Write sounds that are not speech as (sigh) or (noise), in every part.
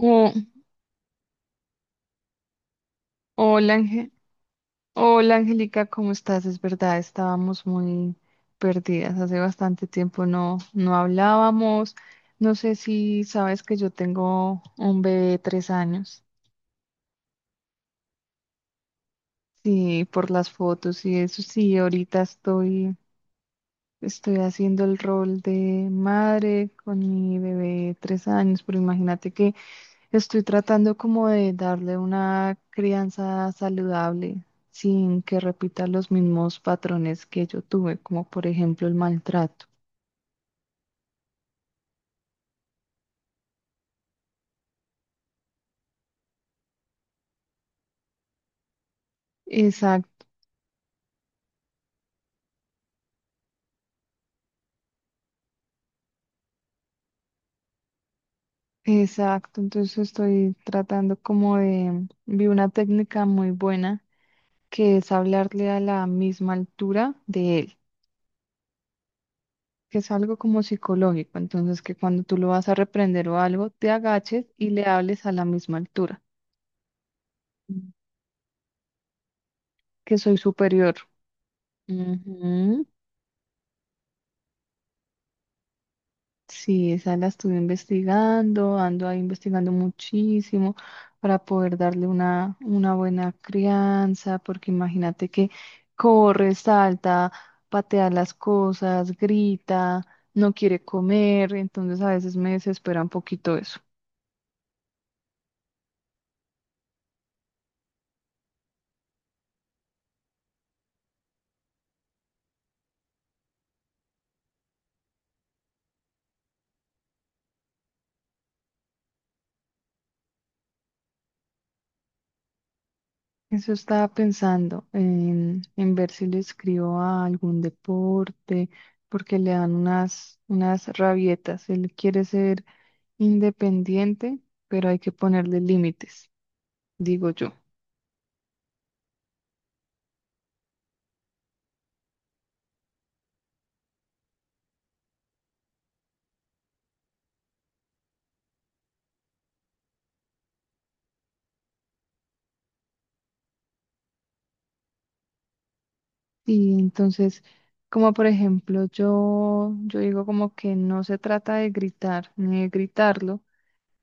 Oh, hola, hola Angélica, ¿cómo estás? Es verdad, estábamos muy perdidas. Hace bastante tiempo no hablábamos. No sé si sabes que yo tengo un bebé de 3 años. Sí, por las fotos y eso. Sí, ahorita estoy Estoy haciendo el rol de madre con mi bebé de 3 años, pero imagínate que estoy tratando como de darle una crianza saludable sin que repita los mismos patrones que yo tuve, como por ejemplo el maltrato. Exacto, exacto. Entonces estoy tratando como de, vi una técnica muy buena que es hablarle a la misma altura de él, que es algo como psicológico, entonces que cuando tú lo vas a reprender o algo, te agaches y le hables a la misma altura. Mm, que soy superior. Ujú. Sí, esa la estuve investigando, ando ahí investigando muchísimo para poder darle una buena crianza, porque imagínate que corre, salta, patea las cosas, grita, no quiere comer, entonces a veces me desespera un poquito eso. Eso estaba pensando en ver si le escribo a algún deporte, porque le dan unas rabietas. Él quiere ser independiente, pero hay que ponerle límites, digo yo. Y entonces, como por ejemplo, yo digo como que no se trata de gritar ni de gritarlo,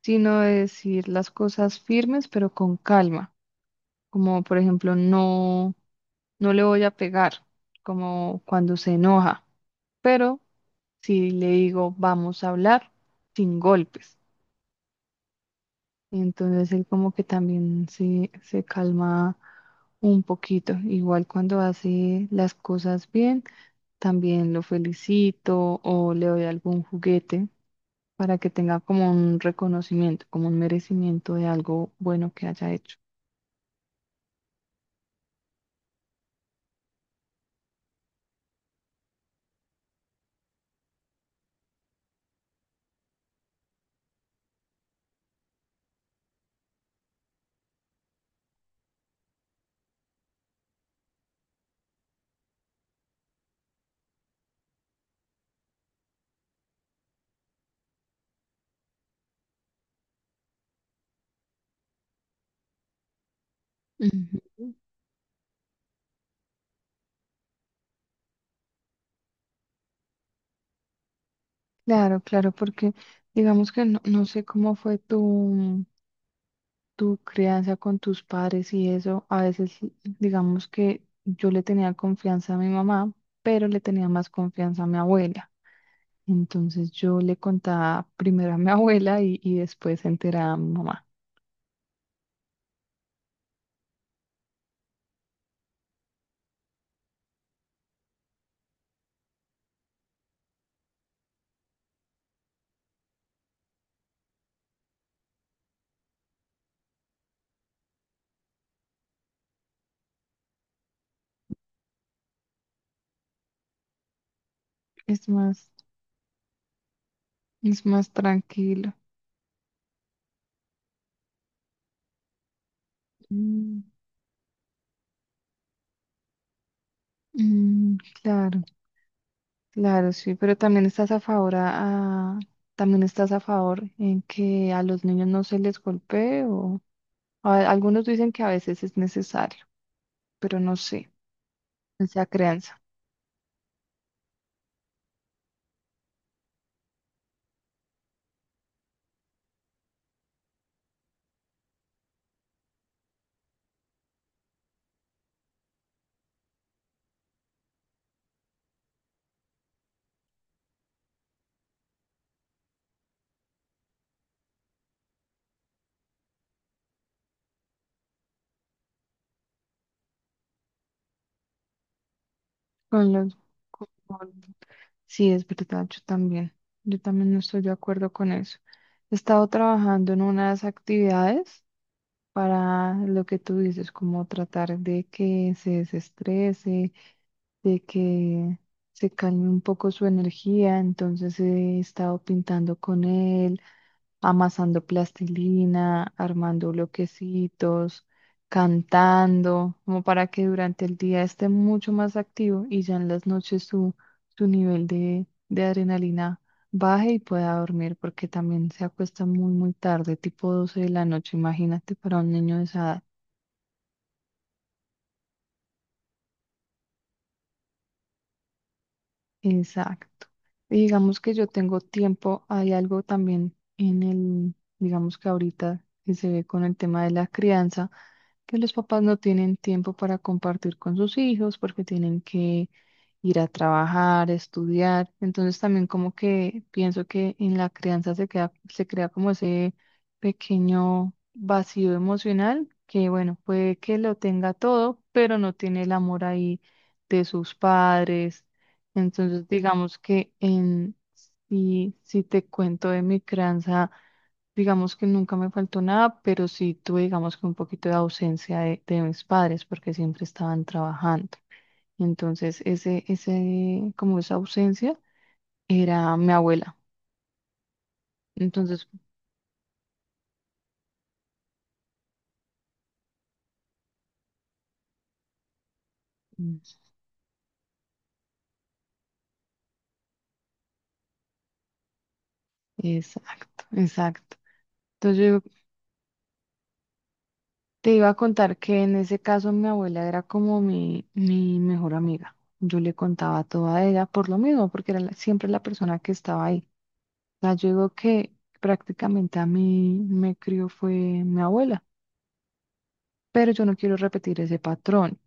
sino de decir las cosas firmes, pero con calma. Como por ejemplo, no le voy a pegar, como cuando se enoja. Pero si le digo, vamos a hablar sin golpes, entonces él como que también se calma un poquito. Igual cuando hace las cosas bien, también lo felicito o le doy algún juguete para que tenga como un reconocimiento, como un merecimiento de algo bueno que haya hecho. Ujú. Claro, claro, porque digamos que no sé cómo fue tu crianza con tus padres y eso, a veces digamos que yo le tenía confianza a mi mamá, pero le tenía más confianza a mi abuela. Entonces yo le contaba primero a mi (laughs) abuela y después se enteraba a mi mamá. Es más, es más tranquilo. Mm, mm, claro, claro, sí, pero también estás a favor también estás a favor en que a los niños no se les golpee o algunos dicen que a veces es necesario, pero no sé esa crianza. Con los, con- sí, es verdad, yo también. Yo también no estoy de acuerdo con eso. He estado trabajando en unas actividades para lo que tú dices, como tratar de que se desestrese, de que se calme un poco su energía, entonces he estado pintando con él, amasando plastilina, armando bloquecitos, cantando, como para que durante el día esté mucho más activo y ya en las noches su nivel de adrenalina baje y pueda dormir, porque también se acuesta muy, muy tarde, tipo 12 de la noche, imagínate para un niño de esa edad. Exacto. Y digamos que yo tengo tiempo, hay algo también en el, digamos que ahorita que se ve con el tema de la crianza, que los papás no tienen tiempo para compartir con sus hijos porque tienen que ir a trabajar, estudiar. Entonces también como que pienso que en la crianza se queda, se crea como ese pequeño vacío emocional que bueno, puede que lo tenga todo, pero no tiene el amor ahí de sus padres, entonces, digamos que en, si te cuento de mi crianza, digamos que nunca me faltó nada, pero sí tuve, digamos que un poquito de ausencia de mis padres porque siempre estaban trabajando. Entonces, ese, como esa ausencia era mi abuela. Entonces, mm, exacto, exacto. Entonces, yo digo, te iba a contar que en ese caso mi abuela era como mi mejor amiga. Yo le contaba todo a ella por lo mismo, porque era siempre la persona que estaba ahí. O sea, yo digo que prácticamente a mí me crió fue mi abuela, pero yo no quiero repetir ese patrón.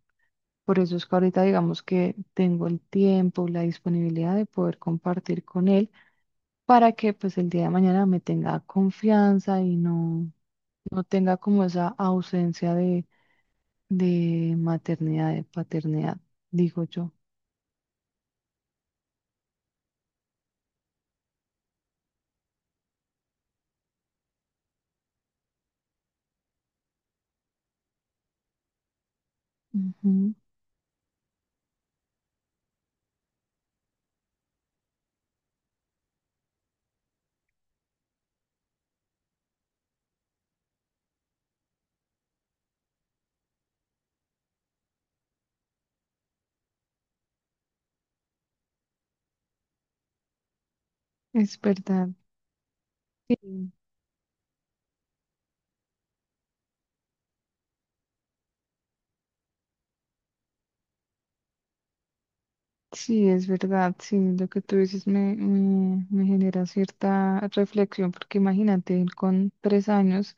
Por eso es que ahorita digamos que tengo el tiempo, la disponibilidad de poder compartir con él para que pues el día de mañana me tenga confianza y no tenga como esa ausencia de maternidad, de paternidad, digo yo. Ujú, es verdad. Sí, sí, es verdad. Sí, lo que tú dices me genera cierta reflexión, porque imagínate, él con 3 años.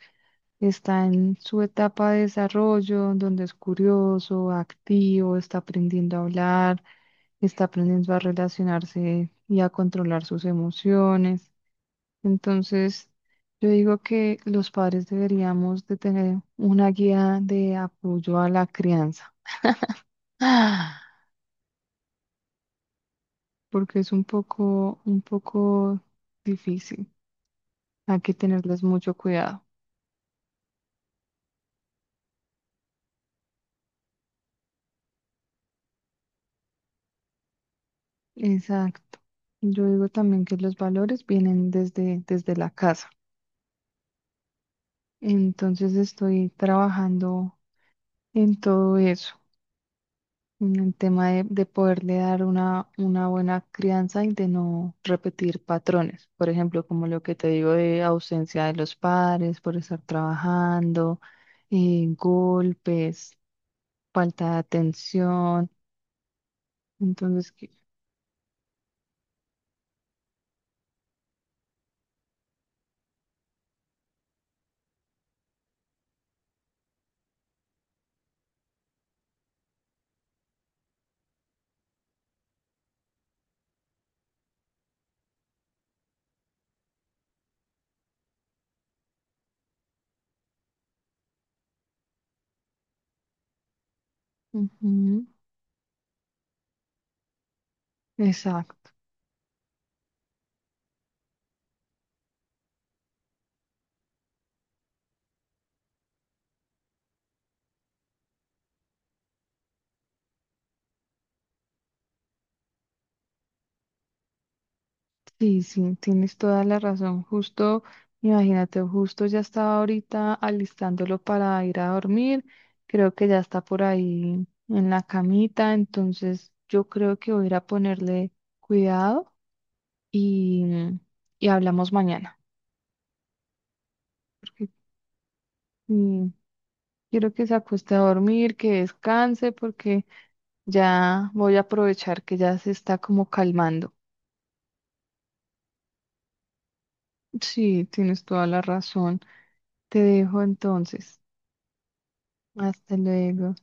Está en su etapa de desarrollo, donde es curioso, activo, está aprendiendo a hablar, está aprendiendo a relacionarse y a controlar sus emociones. Entonces, yo digo que los padres deberíamos de tener una guía de apoyo a la crianza, ah, porque es un poco difícil. Hay que tenerles mucho cuidado. Exacto. Yo digo también que los valores vienen desde la casa. Entonces estoy trabajando en todo eso, en el tema de poderle dar una buena crianza y de no repetir patrones. Por ejemplo, como lo que te digo de ausencia de los padres por estar trabajando, golpes, falta de atención. Entonces, que- ujú, exacto. Sí, sí, tienes toda la razón. Justo, imagínate, justo ya estaba ahorita alistándolo para ir a dormir. Creo que ya está por ahí en la camita, entonces yo creo que voy a ir a ponerle cuidado y, y hablamos mañana. Porque mm, quiero que se acueste a dormir, que descanse, porque ya voy a aprovechar que ya se está como calmando. Sí, tienes toda la razón. Te dejo entonces. Hasta luego.